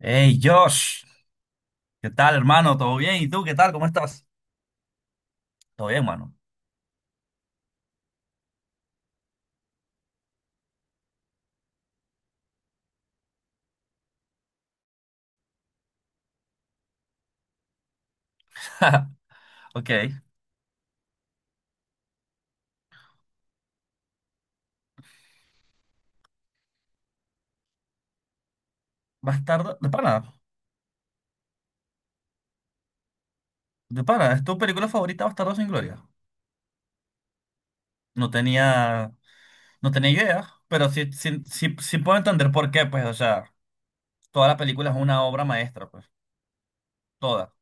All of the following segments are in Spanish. Hey Josh, ¿qué tal hermano? ¿Todo bien? ¿Y tú qué tal? ¿Cómo estás? Todo bien, mano. Ok. Bastardo, de pana, ¿es tu película favorita Bastardo sin Gloria? No tenía, no tenía idea, pero sí, sí, sí, sí puedo entender por qué, pues, o sea, toda la película es una obra maestra, pues, toda.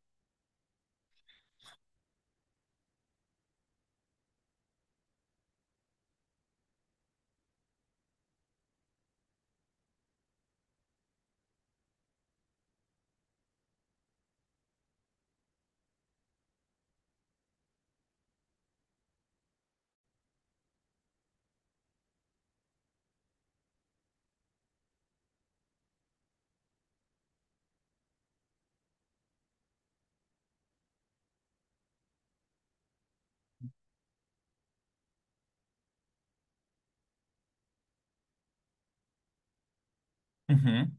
Ujú.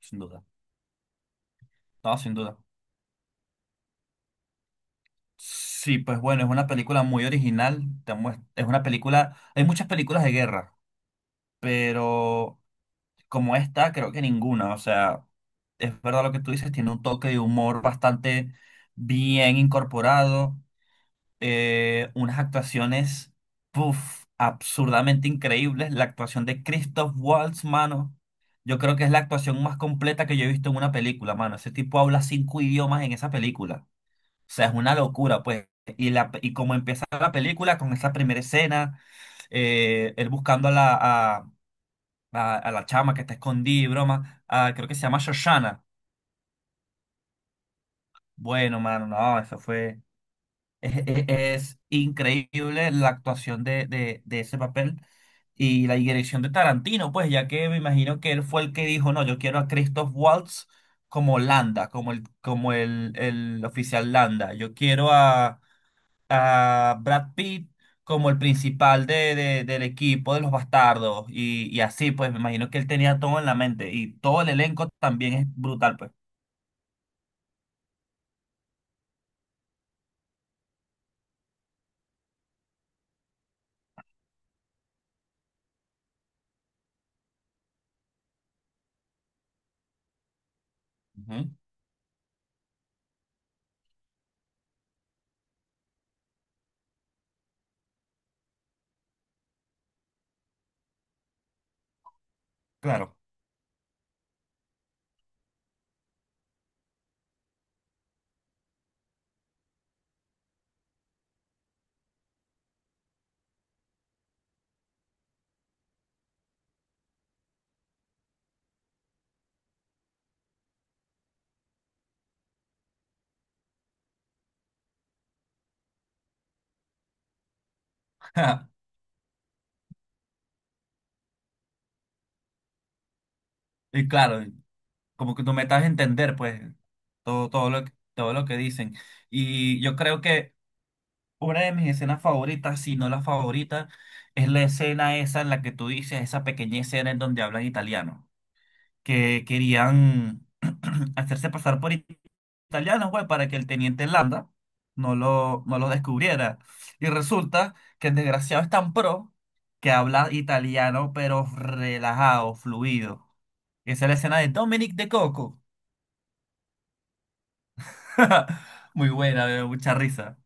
Sin duda, no, sin duda. Sí, pues bueno, es una película muy original, es una película, hay muchas películas de guerra, pero como esta, creo que ninguna. O sea, es verdad lo que tú dices, tiene un toque de humor bastante bien incorporado, unas actuaciones, puff, absurdamente increíbles. La actuación de Christoph Waltz, mano, yo creo que es la actuación más completa que yo he visto en una película, mano. Ese tipo habla cinco idiomas en esa película. O sea, es una locura, pues. Y como empieza la película con esa primera escena, él buscando a a la chama que está escondida y broma. Ah, creo que se llama Shoshana. Bueno, mano, no, eso fue. Es increíble la actuación de ese papel y la dirección de Tarantino, pues, ya que me imagino que él fue el que dijo, no, yo quiero a Christoph Waltz como Landa, el oficial Landa. Yo quiero a. A Brad Pitt como el principal del equipo de los bastardos y así, pues me imagino que él tenía todo en la mente y todo el elenco también es brutal, pues. Ujú. Claro. Y claro, como que tú me estás a entender, pues, todo, todo lo que dicen. Y yo creo que una de mis escenas favoritas, si no la favorita, es la escena esa en la que tú dices, esa pequeña escena en donde hablan italiano, que querían hacerse pasar por italianos, güey, para que el teniente Landa no lo descubriera. Y resulta que el desgraciado es tan pro que habla italiano, pero relajado, fluido. Esa es la escena de Dominic de Coco. Muy buena, me dio mucha risa.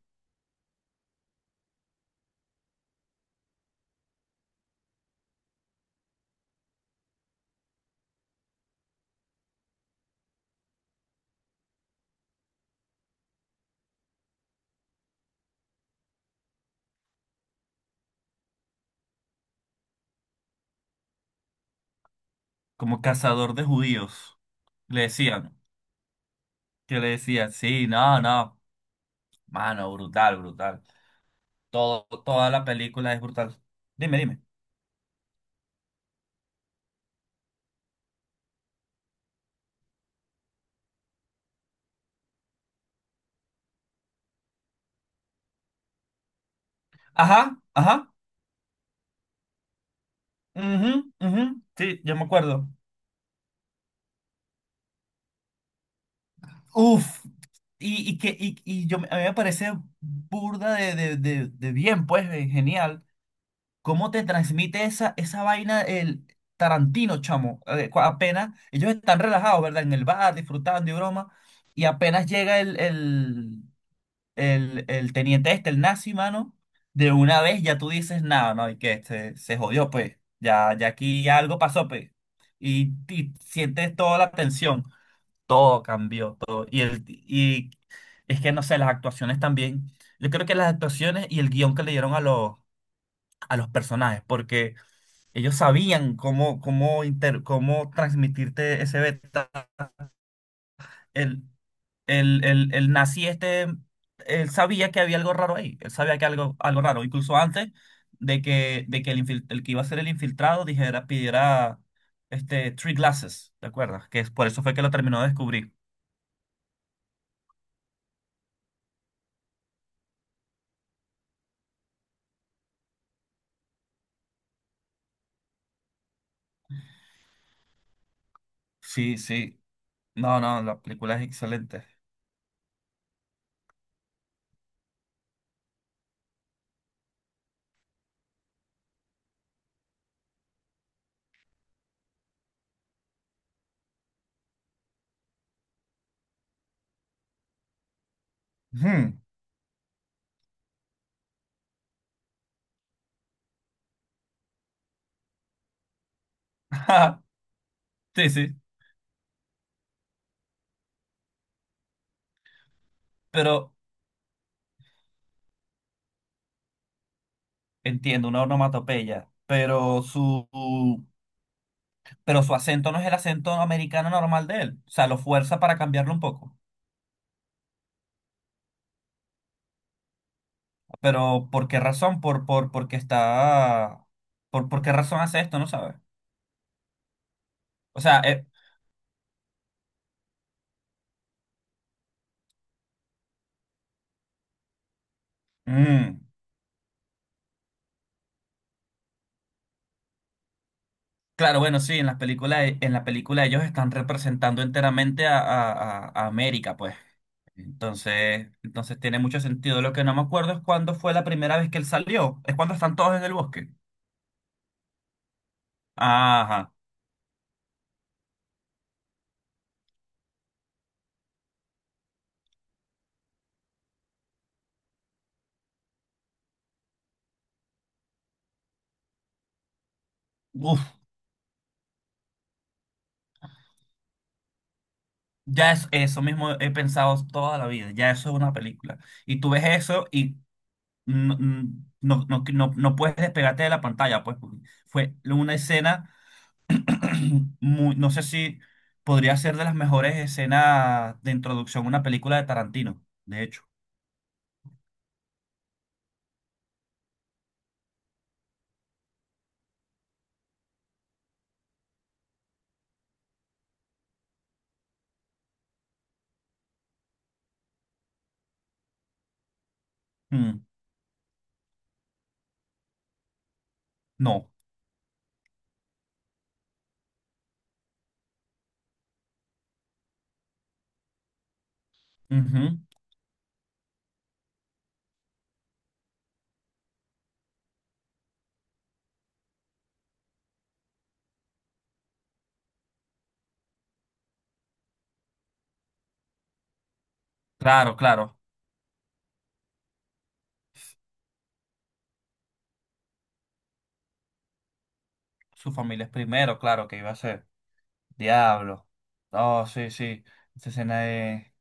Como cazador de judíos. Le decían, que le decían, sí, no, no. Mano, brutal, brutal. Todo, toda la película es brutal. Dime, dime. Ajá, ajá, ujú, ujú, sí, yo me acuerdo. Uf, y, yo, a mí me parece burda de bien, pues, genial. ¿Cómo te transmite esa, esa vaina el Tarantino, chamo? Apenas, ellos están relajados, ¿verdad? En el bar, disfrutando y broma, y apenas llega el teniente este, el nazi, mano, de una vez ya tú dices, nada, no, y que este, se jodió, pues, ya, ya aquí algo pasó, pues, y sientes toda la tensión. Todo cambió, todo. Y es que, no sé, las actuaciones también. Yo creo que las actuaciones y el guión que le dieron a los personajes, porque ellos sabían cómo, cómo transmitirte ese beta. El, el nazi este, él sabía que había algo raro ahí, él sabía que algo, algo raro, incluso antes de que el que iba a ser el infiltrado dijera, pidiera three glasses, ¿te acuerdas? Que es, por eso fue que lo terminó de descubrir. Sí, sí. No, no, la película es excelente. Ujú. Sí, sí, pero entiendo, una onomatopeya, pero pero su acento no es el acento americano normal de él, o sea, lo fuerza para cambiarlo un poco. Pero ¿por qué razón? Porque está, ¿por qué razón hace esto? No sabe. O sea, eh, mm, claro, bueno, sí, en las películas, en la película ellos están representando enteramente a, a América, pues. Entonces tiene mucho sentido. Lo que no me acuerdo es cuándo fue la primera vez que él salió. Es cuando están todos en el bosque. Ajá. Uf, ya es eso mismo he pensado toda la vida. Ya eso es una película. Y tú ves eso y no, no, no, no, no puedes despegarte de la pantalla, pues, porque fue una escena, muy, no sé si podría ser de las mejores escenas de introducción a una película de Tarantino, de hecho. Mm, no. Ujú. Claro, claro. Su familia es primero, claro, que iba a ser. Diablo. Oh, sí, sí. Esa escena es,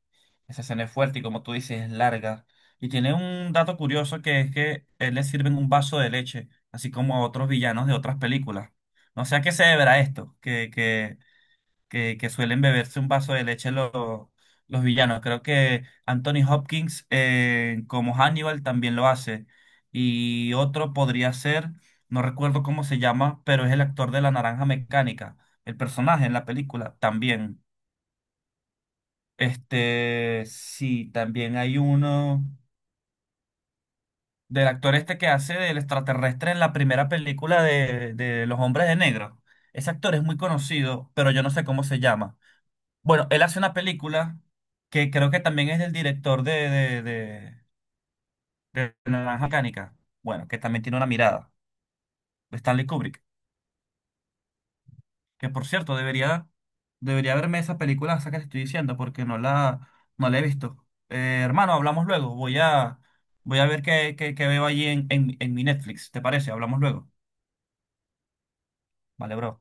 Esa escena es fuerte y como tú dices, es larga. Y tiene un dato curioso que es que él le sirven un vaso de leche, así como a otros villanos de otras películas. No sé a qué se deberá esto, que suelen beberse un vaso de leche los villanos. Creo que Anthony Hopkins como Hannibal también lo hace. Y otro podría ser, no recuerdo cómo se llama, pero es el actor de La Naranja Mecánica, el personaje en la película también. Este, sí, también hay uno del actor este que hace del extraterrestre en la primera película de Los Hombres de Negro. Ese actor es muy conocido, pero yo no sé cómo se llama. Bueno, él hace una película que creo que también es del director de, de, de Naranja Mecánica. Bueno, que también tiene una mirada. Stanley Kubrick. Que por cierto, debería, debería verme esa película, esa que te estoy diciendo, porque no la, no la he visto. Hermano, hablamos luego. Voy a, voy a ver qué, qué, qué veo allí en mi Netflix. ¿Te parece? Hablamos luego. Vale, bro.